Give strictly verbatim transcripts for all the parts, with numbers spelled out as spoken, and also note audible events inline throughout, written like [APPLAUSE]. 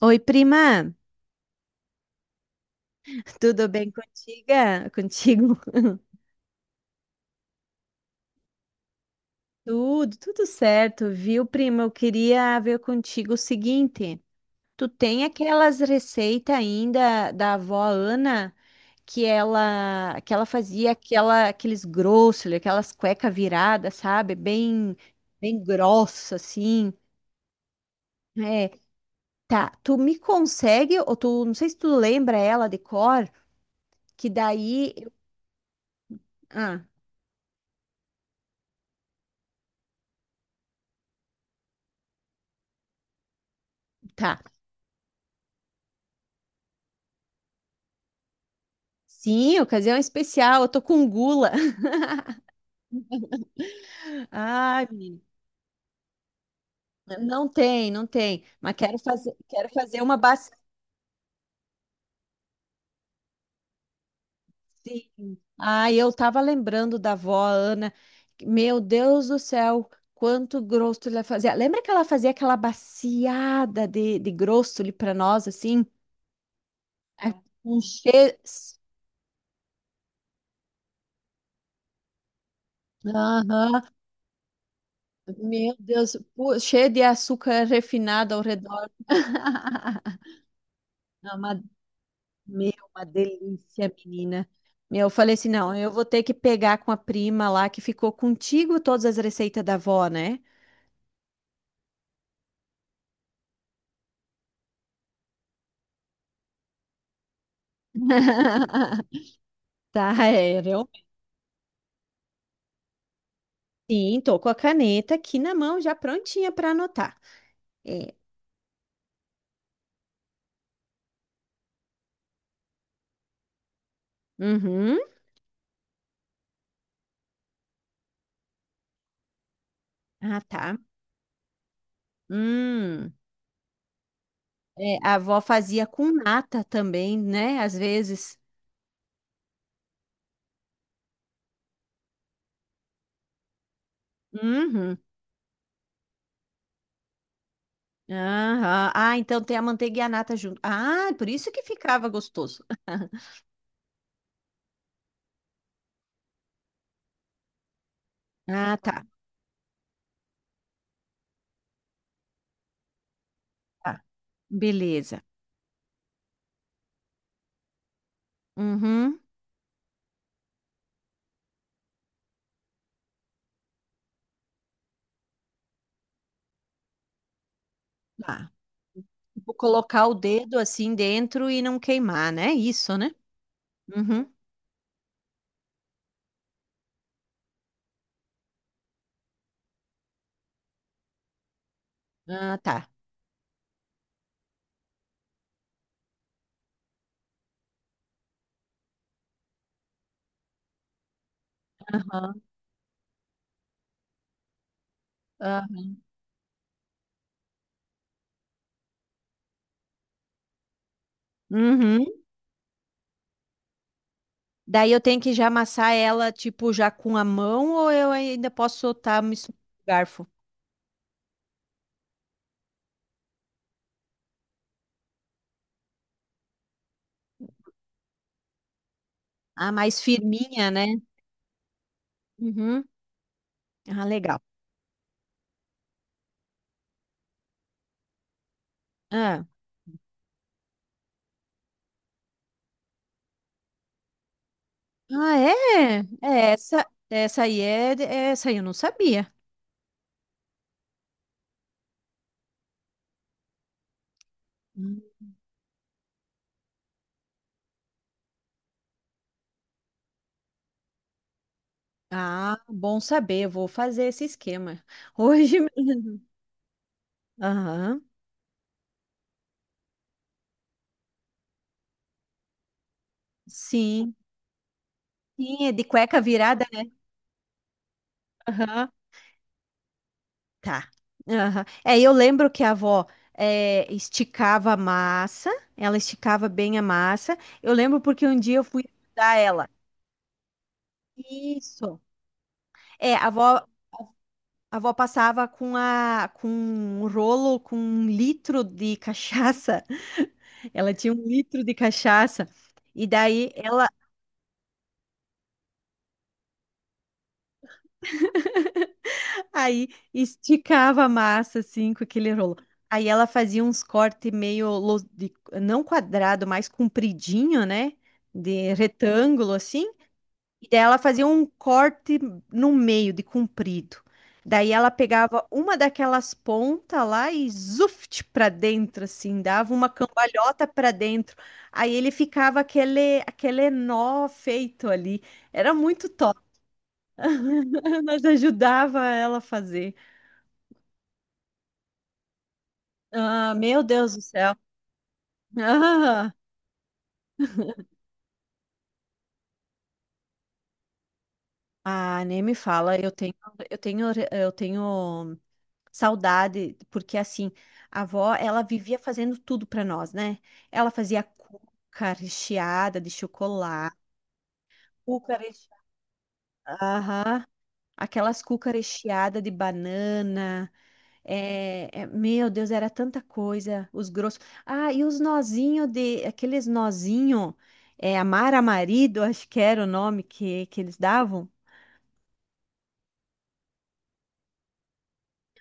Oi, prima, tudo bem contiga? Contigo? [LAUGHS] Tudo, tudo certo, viu, prima? Eu queria ver contigo o seguinte: tu tem aquelas receitas ainda da avó Ana que ela que ela fazia aquela, aqueles grossos, aquelas cueca viradas, sabe? Bem, bem grossa, assim. É, tá. Tu me consegue, ou tu, não sei se tu lembra ela de cor, que daí eu- Ah, tá. Sim, ocasião especial, eu tô com gula. [LAUGHS] Ai, menina, não tem, não tem, mas quero fazer, quero fazer uma bacia. Ah, eu tava lembrando da avó Ana. Meu Deus do céu, quanto grosso ela fazia. Lembra que ela fazia aquela baciada de, de grosso ali para nós assim? É, um cheio. Aham. Meu Deus, pu- cheio de açúcar refinado ao redor. [LAUGHS] Não, mas meu, uma delícia, menina. Meu, eu falei assim, não, eu vou ter que pegar com a prima lá que ficou contigo todas as receitas da avó, né? [LAUGHS] Tá, é, realmente. Sim, tô com a caneta aqui na mão, já prontinha para anotar. É. Uhum. Ah, tá. Hum. É, a avó fazia com nata também, né? Às vezes. Uhum. Aham. Ah, então tem a manteiga e a nata junto. Ah, por isso que ficava gostoso. [LAUGHS] Ah, tá. Tá. Beleza. Uhum. Tá. Vou colocar o dedo assim dentro e não queimar, né? Isso, né? Uhum. Ah, tá. Aham, aham. Uhum. Daí eu tenho que já amassar ela, tipo, já com a mão, ou eu ainda posso soltar misturando com o garfo? Ah, mais firminha, né? Uhum. Ah, legal. Ah, ah é? É, essa, essa aí é, essa aí eu não sabia. Hum. Ah, bom saber, eu vou fazer esse esquema. [LAUGHS] Hoje mesmo. Aham, sim. Sim, é de cueca virada, né? Aham, tá. Aham. É, eu lembro que a avó, é, esticava a massa, ela esticava bem a massa. Eu lembro porque um dia eu fui ajudar ela. Isso. É, a avó, a avó passava com, a, com um rolo, com um litro de cachaça. [LAUGHS] Ela tinha um litro de cachaça. E daí ela... Aí esticava a massa assim com aquele rolo. Aí ela fazia uns cortes meio lo- de- não quadrado, mais compridinho, né? De retângulo assim. E daí ela fazia um corte no meio de comprido. Daí ela pegava uma daquelas pontas lá e zuft para dentro assim, dava uma cambalhota para dentro. Aí ele ficava aquele aquele nó feito ali. Era muito top. [LAUGHS] Nós ajudava ela a fazer. Ah, meu Deus do céu. [LAUGHS] Ah, ah, nem me fala, eu tenho, eu tenho, eu tenho saudade, porque assim, a avó, ela vivia fazendo tudo para nós, né? Ela fazia cuca recheada de chocolate, cuca recheada, aham, aquelas cuca recheada de banana, é, é, meu Deus, era tanta coisa, os grossos. Ah, e os nozinhos de, aqueles nozinhos, é, amar a marido, acho que era o nome que, que eles davam.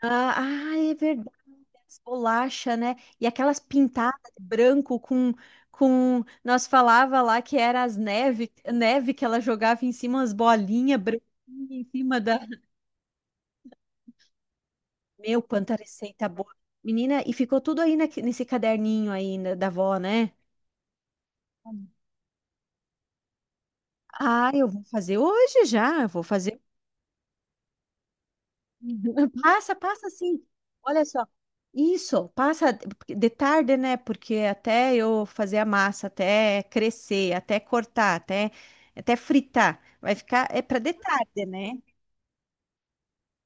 Ah, ah, é verdade, as bolacha, né? E aquelas pintadas de branco com, com... Nós falava lá que era as neve, neve que ela jogava em cima, as bolinhas branquinhas em cima da... Meu, quanta receita boa. Menina, e ficou tudo aí naque- nesse caderninho aí, né, da avó, né? Ah, eu vou fazer hoje já, eu vou fazer. [LAUGHS] Passa, passa assim. Olha só. Isso, passa de de tarde, né? Porque até eu fazer a massa, até crescer, até cortar, até, até fritar, vai ficar. É para de tarde, né?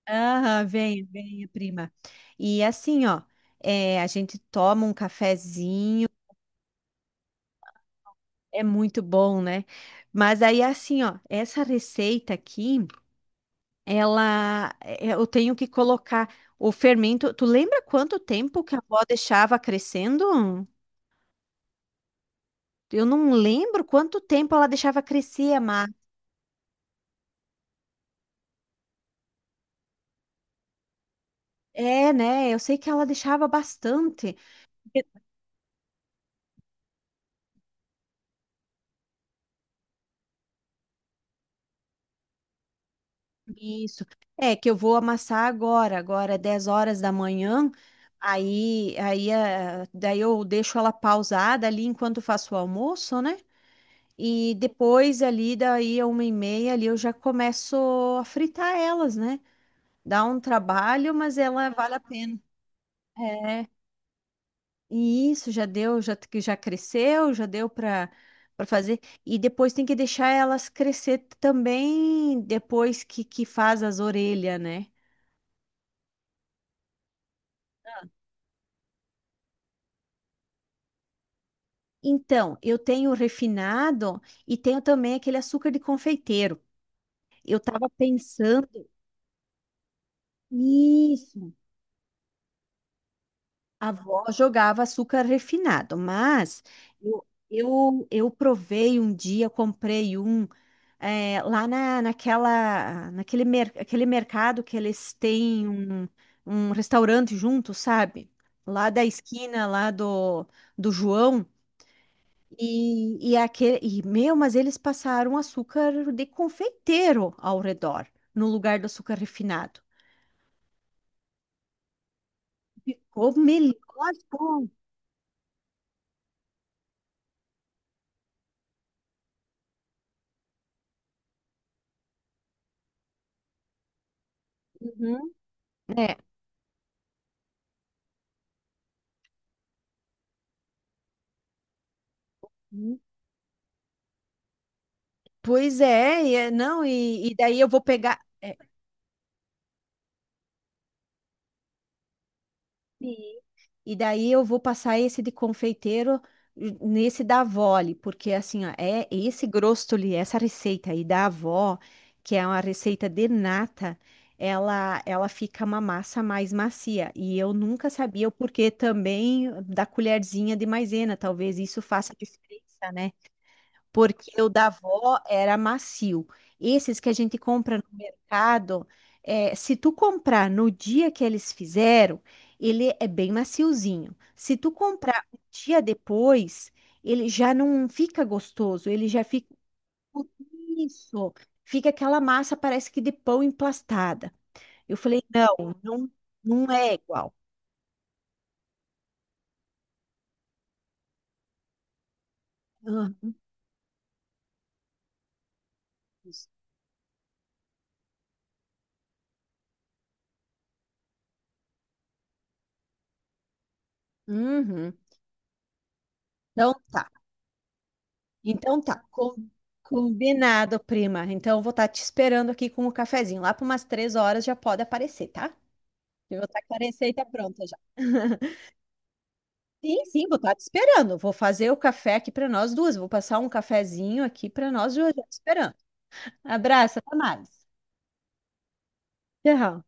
Aham, venha, venha, prima. E assim, ó, é, a gente toma um cafezinho, é muito bom, né? Mas aí, assim, ó, essa receita aqui. Ela, é, eu tenho que colocar o fermento. Tu lembra quanto tempo que a avó deixava crescendo? Eu não lembro quanto tempo ela deixava crescer a massa. É, né? Eu sei que ela deixava bastante. Isso. É que eu vou amassar agora, agora é dez horas da manhã. Aí, aí, ah, daí eu deixo ela pausada ali enquanto faço o almoço, né? E depois ali, daí a uma e meia ali, eu já começo a fritar elas, né? Dá um trabalho, mas ela vale a pena. É, e isso já deu, já que já cresceu, já deu para para fazer. E depois tem que deixar elas crescer também depois que que faz as orelhas, né? Então, eu tenho o refinado e tenho também aquele açúcar de confeiteiro. Eu tava pensando, isso. A avó jogava açúcar refinado, mas eu, eu, eu provei um dia, comprei um, é, lá na, naquela, naquele mer, aquele mercado que eles têm um, um restaurante junto, sabe? Lá da esquina, lá do, do João. E, e, aquele, e, meu, mas eles passaram açúcar de confeiteiro ao redor, no lugar do açúcar refinado. Ficou melhor. Pô. Uhum. É. Pois é, e é- não, e, e daí eu vou pegar, é, e e daí eu vou passar esse de confeiteiro nesse da avó, ali, porque assim, ó, é esse grostoli, essa receita aí da avó, que é uma receita de nata, ela, ela fica uma massa mais macia. E eu nunca sabia o porquê também da colherzinha de maisena, talvez isso faça diferença, né? Porque o da avó era macio. Esses que a gente compra no mercado, é, se tu comprar no dia que eles fizeram, ele é bem maciozinho. Se tu comprar um dia depois, ele já não fica gostoso, ele já fica, isso, fica aquela massa, parece que de pão emplastada. Eu falei, não, não, não é igual. Ah, isso. Uhum. Então, tá. Então tá, com- combinado, prima. Então eu vou estar te esperando aqui com o cafezinho. Lá por umas três horas já pode aparecer, tá? Eu vou estar com a receita pronta já. [LAUGHS] Sim, sim, vou estar te esperando. Vou fazer o café aqui para nós duas. Vou passar um cafezinho aqui para nós duas já te esperando. Abraço, até mais. Tchau.